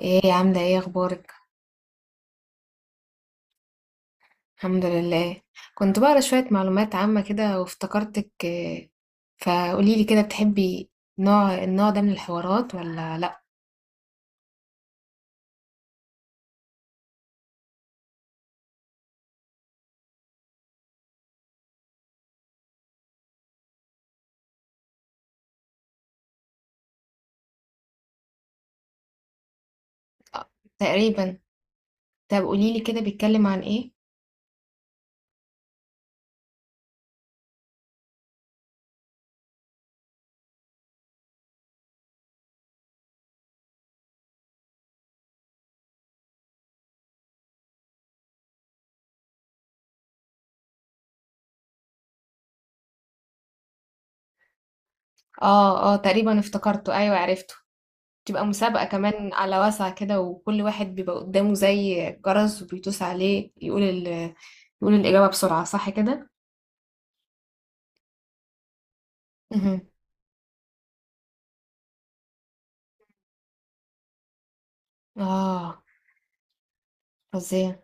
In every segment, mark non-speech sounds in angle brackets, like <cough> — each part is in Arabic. ايه عاملة ايه اخبارك. الحمد لله. كنت بقرا شوية معلومات عامة كده وافتكرتك فقوليلي كده بتحبي النوع ده من الحوارات ولا لا؟ آه، تقريبا. طب قوليلي كده بيتكلم عن ايه؟ اه اه، تقريبا افتكرته، ايوه عرفته. تبقى مسابقة كمان على واسع كده، وكل واحد بيبقى قدامه زي جرس وبيدوس عليه يقول الإجابة بسرعة، صح كده؟ مهم. اه. فظيع.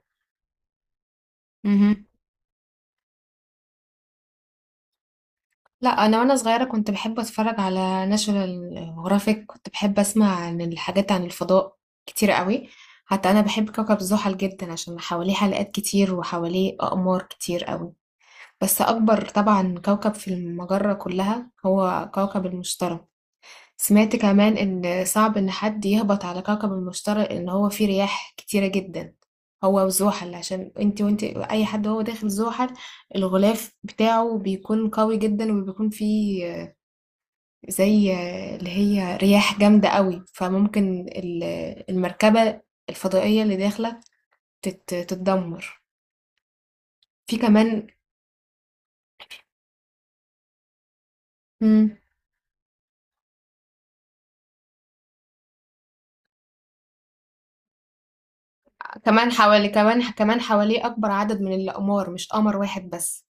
لا، انا وانا صغيره كنت بحب اتفرج على ناشونال جرافيك، كنت بحب اسمع عن الحاجات عن الفضاء كتير قوي. حتى انا بحب كوكب زحل جدا عشان حواليه حلقات كتير وحواليه اقمار كتير قوي. بس اكبر طبعا كوكب في المجره كلها هو كوكب المشتري. سمعت كمان ان صعب ان حد يهبط على كوكب المشتري، ان هو فيه رياح كتيره جدا، هو وزحل. عشان انت وانت اي حد هو داخل زحل، الغلاف بتاعه بيكون قوي جدا وبيكون فيه زي اللي هي رياح جامدة قوي، فممكن المركبة الفضائية اللي داخلة تتدمر. في كمان. مم. كمان حواليه أكبر عدد من الأقمار، مش قمر واحد بس.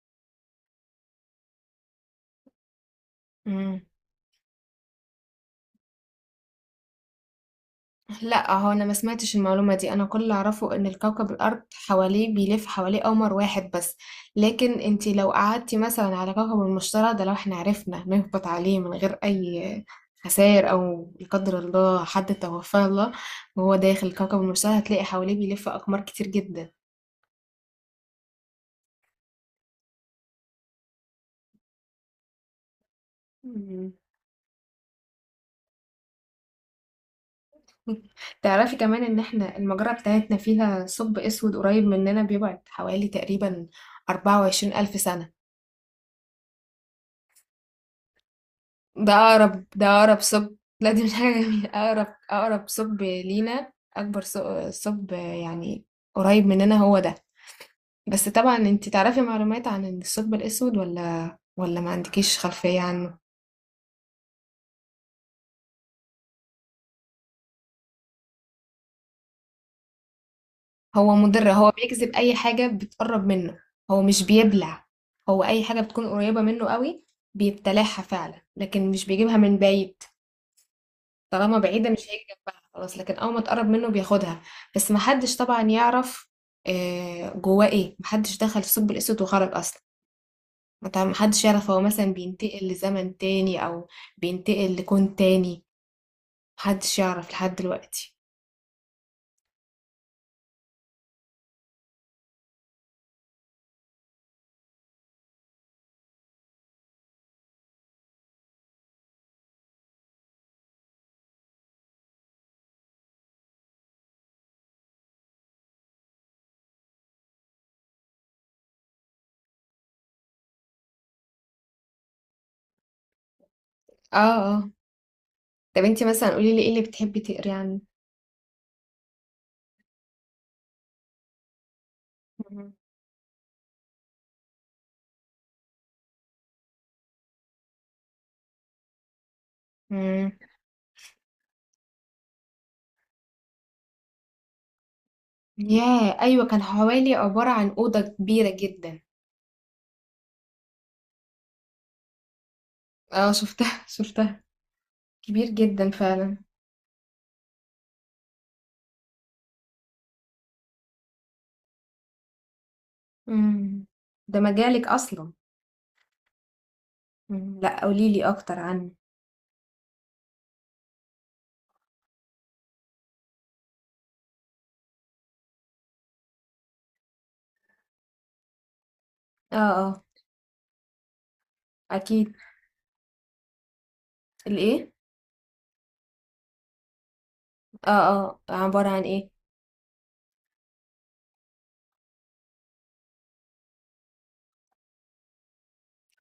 مم. لا، هو انا ما سمعتش المعلومه دي. انا كل اللي اعرفه ان الكوكب الارض حواليه بيلف حواليه قمر واحد بس. لكن انتي لو قعدتي مثلا على كوكب المشتري ده، لو احنا عرفنا نهبط عليه من غير اي خسائر، او لا قدر الله حد توفاه الله وهو داخل كوكب المشتري، هتلاقي حواليه بيلف اقمار كتير جدا. مم. تعرفي كمان ان احنا المجرة بتاعتنا فيها ثقب اسود قريب مننا، بيبعد حوالي تقريبا 24000 سنة. ده أقرب، ده أقرب ثقب. لا، دي مش حاجة جميلة <laughs> أقرب، أقرب ثقب لينا، أكبر ثقب يعني قريب مننا هو ده. بس طبعا انتي تعرفي معلومات عن الثقب الأسود ولا ما عندكيش خلفية عنه؟ هو مضر، هو بيجذب أي حاجة بتقرب منه. هو مش بيبلع، هو أي حاجة بتكون قريبة منه قوي بيبتلعها فعلا، لكن مش بيجيبها من بعيد. طالما بعيدة مش هيجي جنبها خلاص، لكن أول ما تقرب منه بياخدها. بس محدش طبعا يعرف جواه ايه. محدش دخل في ثقب الأسود وخرج أصلا. محدش يعرف هو مثلا بينتقل لزمن تاني أو بينتقل لكون تاني. محدش يعرف لحد دلوقتي. اه اه. طب انتي مثلا قولي لي ايه اللي بتحبي تقري عنه؟ مهم. مم. ياه، أيوة، كان حوالي عبارة عن أوضة كبيرة جدا. اه، شفتها <laughs> شفتها. كبير جدا فعلا. مم. ده مجالك أصلا. إمم، لأ قولي لي أكتر عنه. آه، آه. أكيد. الإيه؟ آه، آه، عبارة عن إيه؟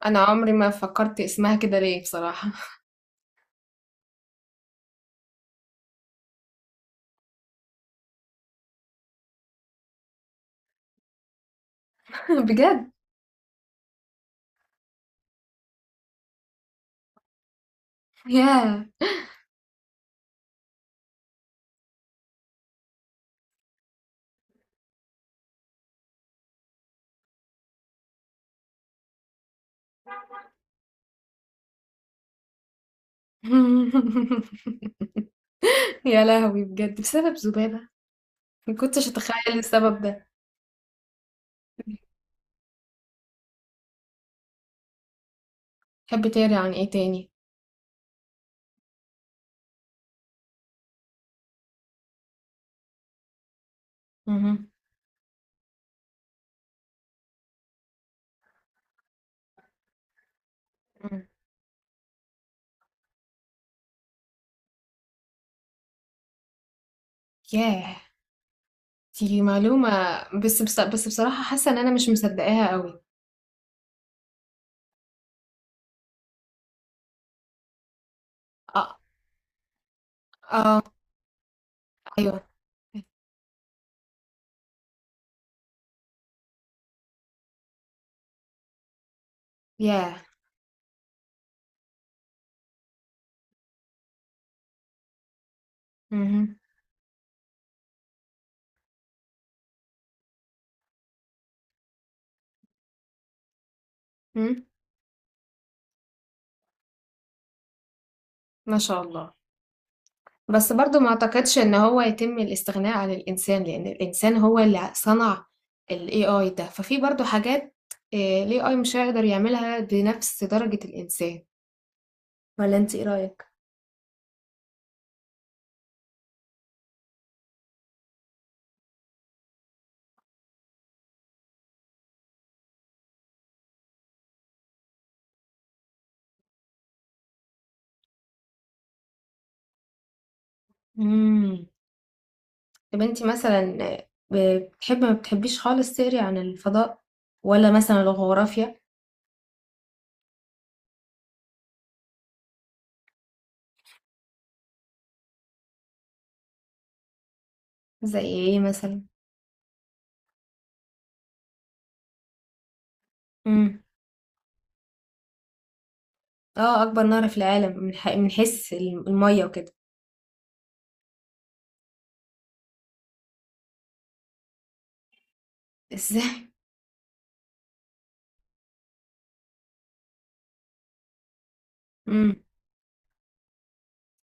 أنا عمري ما فكّرت اسمها كده ليه بصراحة. <laughs> بجد! ياه! <laughs> يا لهوي، بجد بسبب ذبابة! ما كنتش أتخيّل السبب ده. تحبّي تقري عن إيه تاني؟ اهم. إمم. ياه! دي معلومة. بس بص، بس بصراحة حاسّة إن أنا مش مصدّقاها أوي. أ آه، أيوه. ياه! اهم، إمم. ما شاء الله. بس برضو ما اعتقدش ان هو يتم الاستغناء عن الانسان، لان الانسان هو اللي صنع ال AI ده. ففي برضو حاجات ال AI مش هيقدر يعملها بنفس درجة الانسان، ولا انت ايه رأيك؟ امم. طب انت مثلا بتحبي ما بتحبيش خالص تقري عن الفضاء، ولا مثلا الجغرافيا؟ زي ايه مثلا؟ امم. اه، اكبر نهر في العالم من من حيث المية وكده. <laughs> ازاي؟ امم.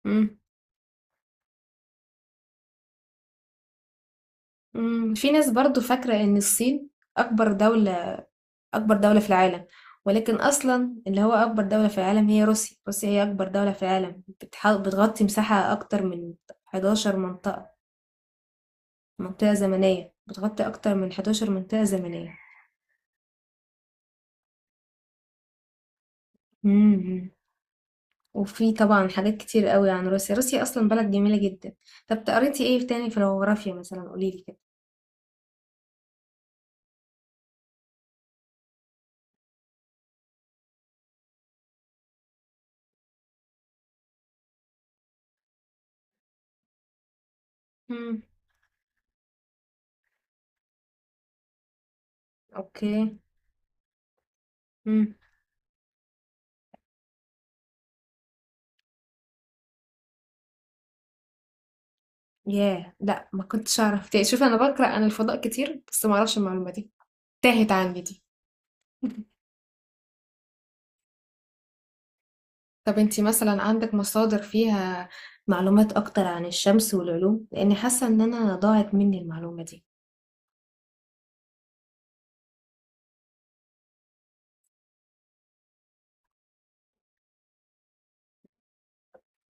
امم. امم، في ناس برضو فاكرة ان الصين أكبر دولة، أكبر دولة في العالم، ولكن أصلا اللي هو أكبر دولة في العالم هي روسيا. روسيا هي أكبر دولة في العالم، بتغطي مساحة أكتر من 11 منطقة زمنية، بتغطي أكتر من 11 منطقة زمنية. مم. وفي طبعا حاجات كتير قوي عن روسيا. روسيا أصلا بلد جميلة جدا. طب قريتي ايه تاني في الجغرافيا مثلا؟ قوليلي كده. مم. اوكي. مم. ياه، لا ما كنتش اعرف تاني. شوفي انا بقرا عن الفضاء كتير بس ما اعرفش المعلومه دي، تاهت عندي دي. طب انتي مثلا عندك مصادر فيها معلومات اكتر عن الشمس والعلوم؟ لاني حاسه ان انا ضاعت مني المعلومه دي.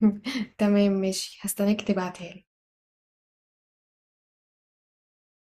<laughs> تمام، ماشي، هستناك تبعتها لي.